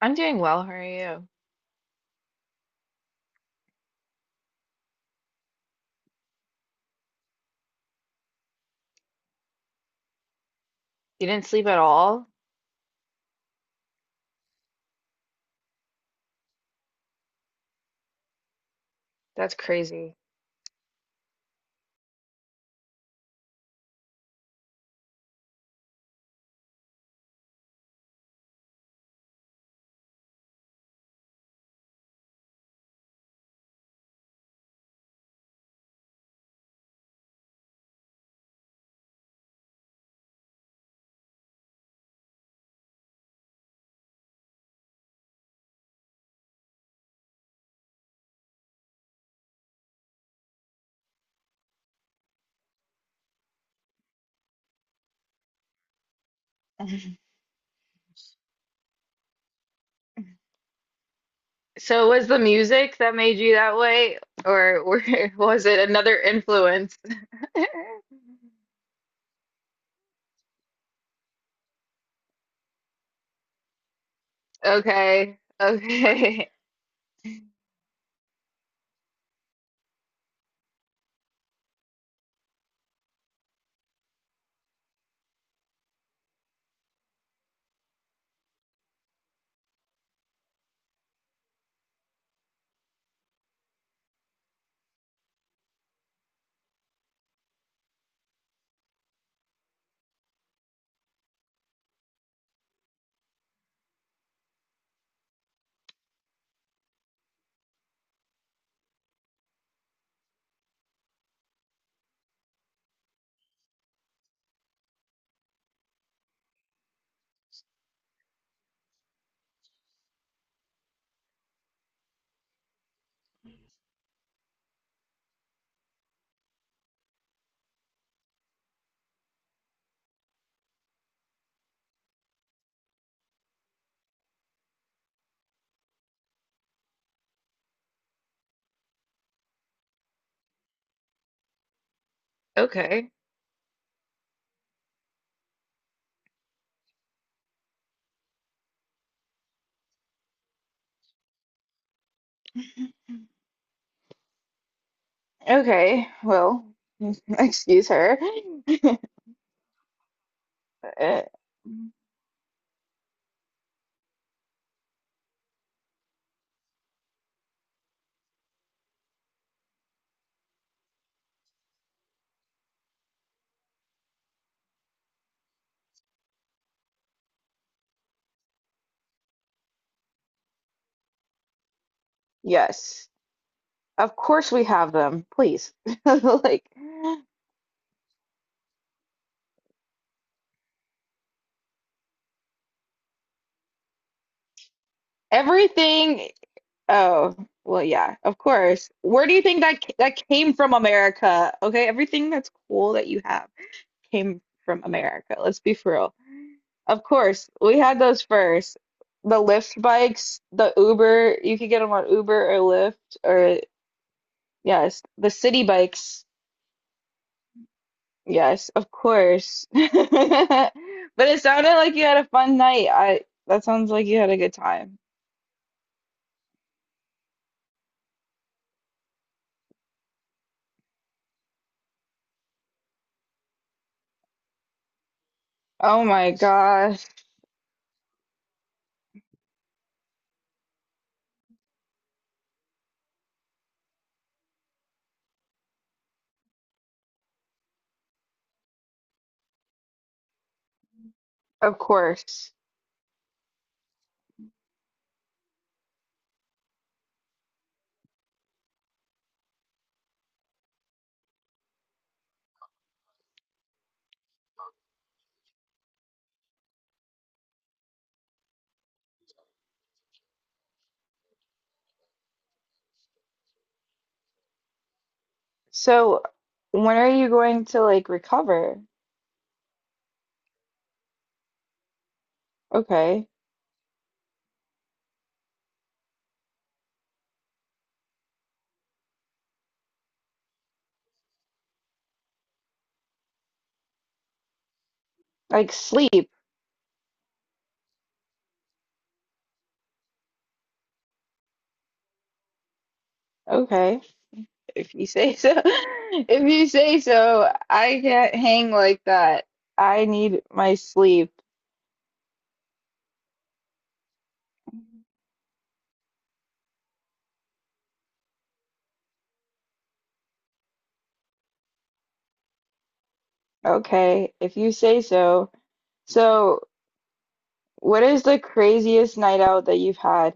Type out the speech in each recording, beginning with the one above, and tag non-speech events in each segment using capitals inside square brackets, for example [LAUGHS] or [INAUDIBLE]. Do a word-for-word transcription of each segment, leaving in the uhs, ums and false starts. I'm doing well. How are you? You didn't sleep at all? That's crazy. [LAUGHS] So was the music that made you that way, or were, [LAUGHS] was it another influence? [LAUGHS] Okay, okay. [LAUGHS] Okay, okay. Well, [LAUGHS] excuse her. [LAUGHS] Uh, Yes, of course we have them. Please, [LAUGHS] like everything. Oh, well, yeah, of course. Where do you think that ca- that came from America? Okay, everything that's cool that you have came from America. Let's be for real. Of course, we had those first. The Lyft bikes, the Uber, you could get them on Uber or Lyft or, yes, the city bikes. Yes, of course. [LAUGHS] But it sounded like you had a fun night. I that sounds like you had a good time. Oh my gosh. Of course. So, when are you going to like recover? Okay. Like sleep. Okay. If you say so. [LAUGHS] If you say so, I can't hang like that. I need my sleep. Okay. If you say so. So, what is the craziest night out that you've had?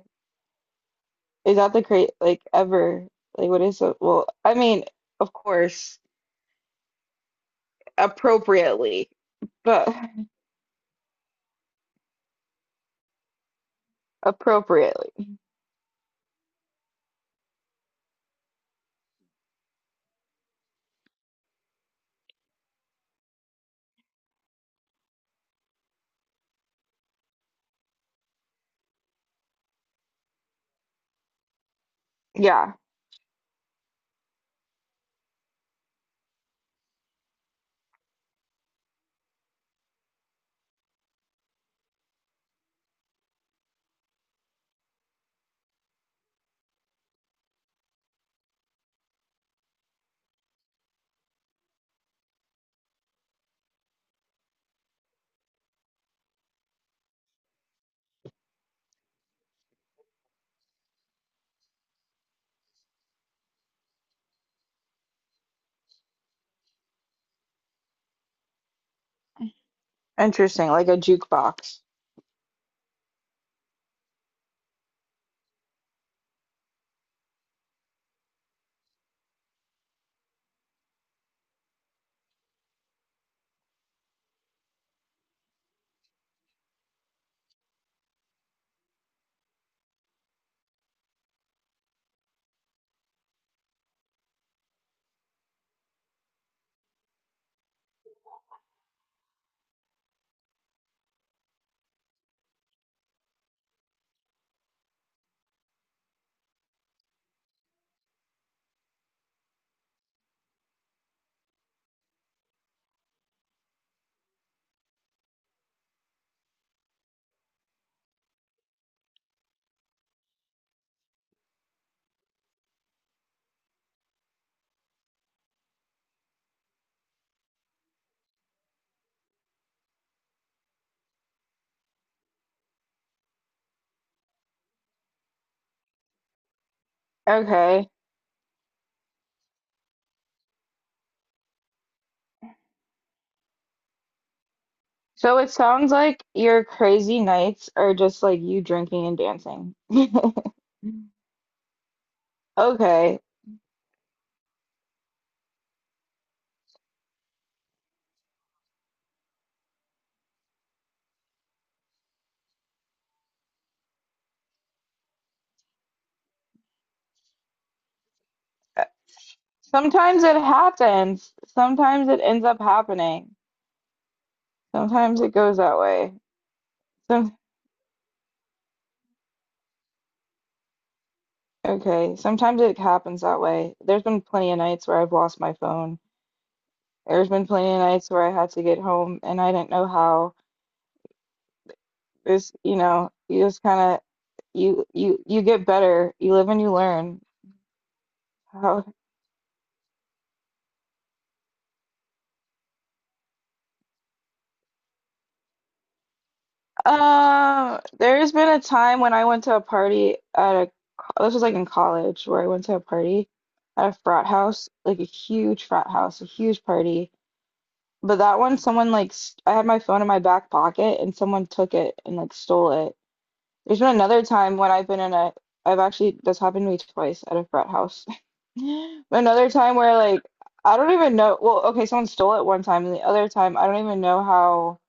Is that the cra like ever? Like what is it? Well, I mean, of course, appropriately, but [LAUGHS] appropriately. Yeah. Interesting. Like a jukebox. Okay. So it sounds like your crazy nights are just like you drinking and dancing. [LAUGHS] Okay. Uh, Sometimes it happens. Sometimes it ends up happening. Sometimes it goes that way. Some okay, sometimes it happens that way. There's been plenty of nights where I've lost my phone. There's been plenty of nights where I had to get home and I didn't know how. This, you know, you just kind of you you you get better. You live and you learn. How Um, there's been a time when I went to a party at a, co- this was like in college where I went to a party at a frat house, like a huge frat house, a huge party. But that one, someone like, st I had my phone in my back pocket and someone took it and like stole it. There's been another time when I've been in a, I've actually, that's happened to me twice at a frat house. [LAUGHS] Another time where like, I don't even know, well, okay, someone stole it one time and the other time, I don't even know how.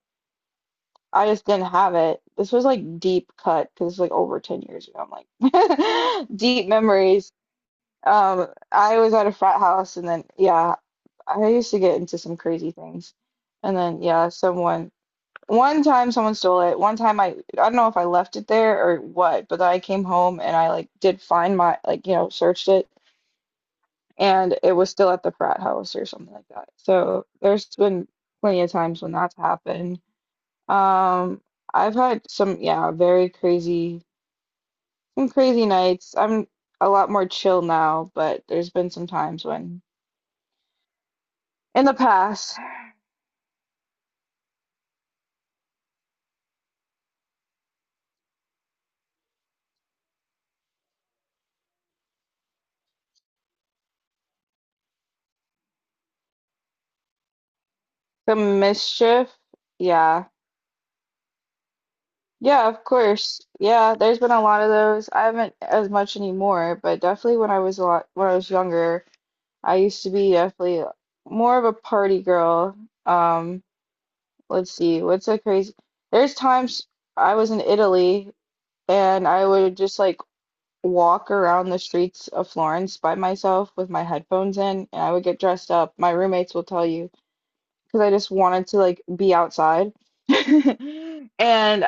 I just didn't have it. This was like deep cut because like over ten years ago. I'm like [LAUGHS] deep memories. Um, I was at a frat house and then yeah, I used to get into some crazy things. And then yeah, someone one time someone stole it. One time I I don't know if I left it there or what, but I came home and I like did find my like you know searched it, and it was still at the frat house or something like that. So there's been plenty of times when that's happened, um, I've had some, yeah, very crazy, some crazy nights. I'm a lot more chill now, but there's been some times when, in the past, the mischief, yeah. Yeah, of course, yeah. There's been a lot of those. I haven't as much anymore, but definitely when I was a lot, when I was younger, I used to be definitely more of a party girl. Um, let's see, what's a crazy? There's times I was in Italy and I would just like walk around the streets of Florence by myself with my headphones in, and I would get dressed up. My roommates will tell you, because I just wanted to like be outside. [LAUGHS] And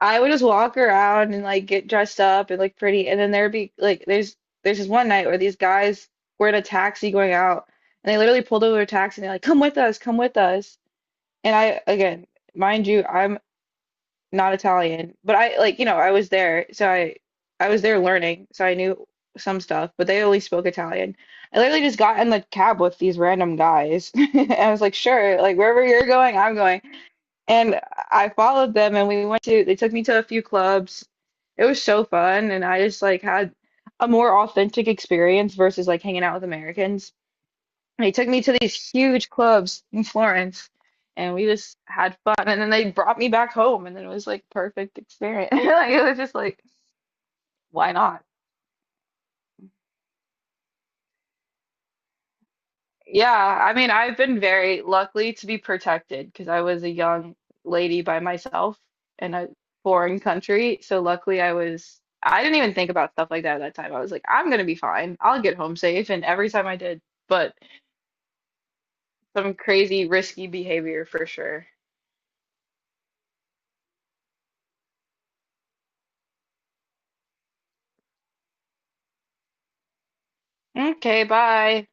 I would just walk around and like get dressed up and look pretty. And then there'd be like there's there's this one night where these guys were in a taxi going out, and they literally pulled over a taxi and they're like, "Come with us, come with us." And I again, mind you, I'm not Italian, but I like, you know, I was there, so I I was there learning, so I knew some stuff, but they only spoke Italian. I literally just got in the cab with these random guys. [LAUGHS] And I was like, sure, like wherever you're going, I'm going. And I followed them and we went to they took me to a few clubs. It was so fun, and I just like had a more authentic experience versus like hanging out with Americans. They took me to these huge clubs in Florence, and we just had fun, and then they brought me back home, and then it was like perfect experience. [LAUGHS] Like it was just like why not? Yeah, I mean I've been very lucky to be protected because I was a young lady by myself in a foreign country. So luckily I was I didn't even think about stuff like that at that time. I was like I'm gonna be fine. I'll get home safe, and every time I did, but some crazy risky behavior for sure. Okay, bye.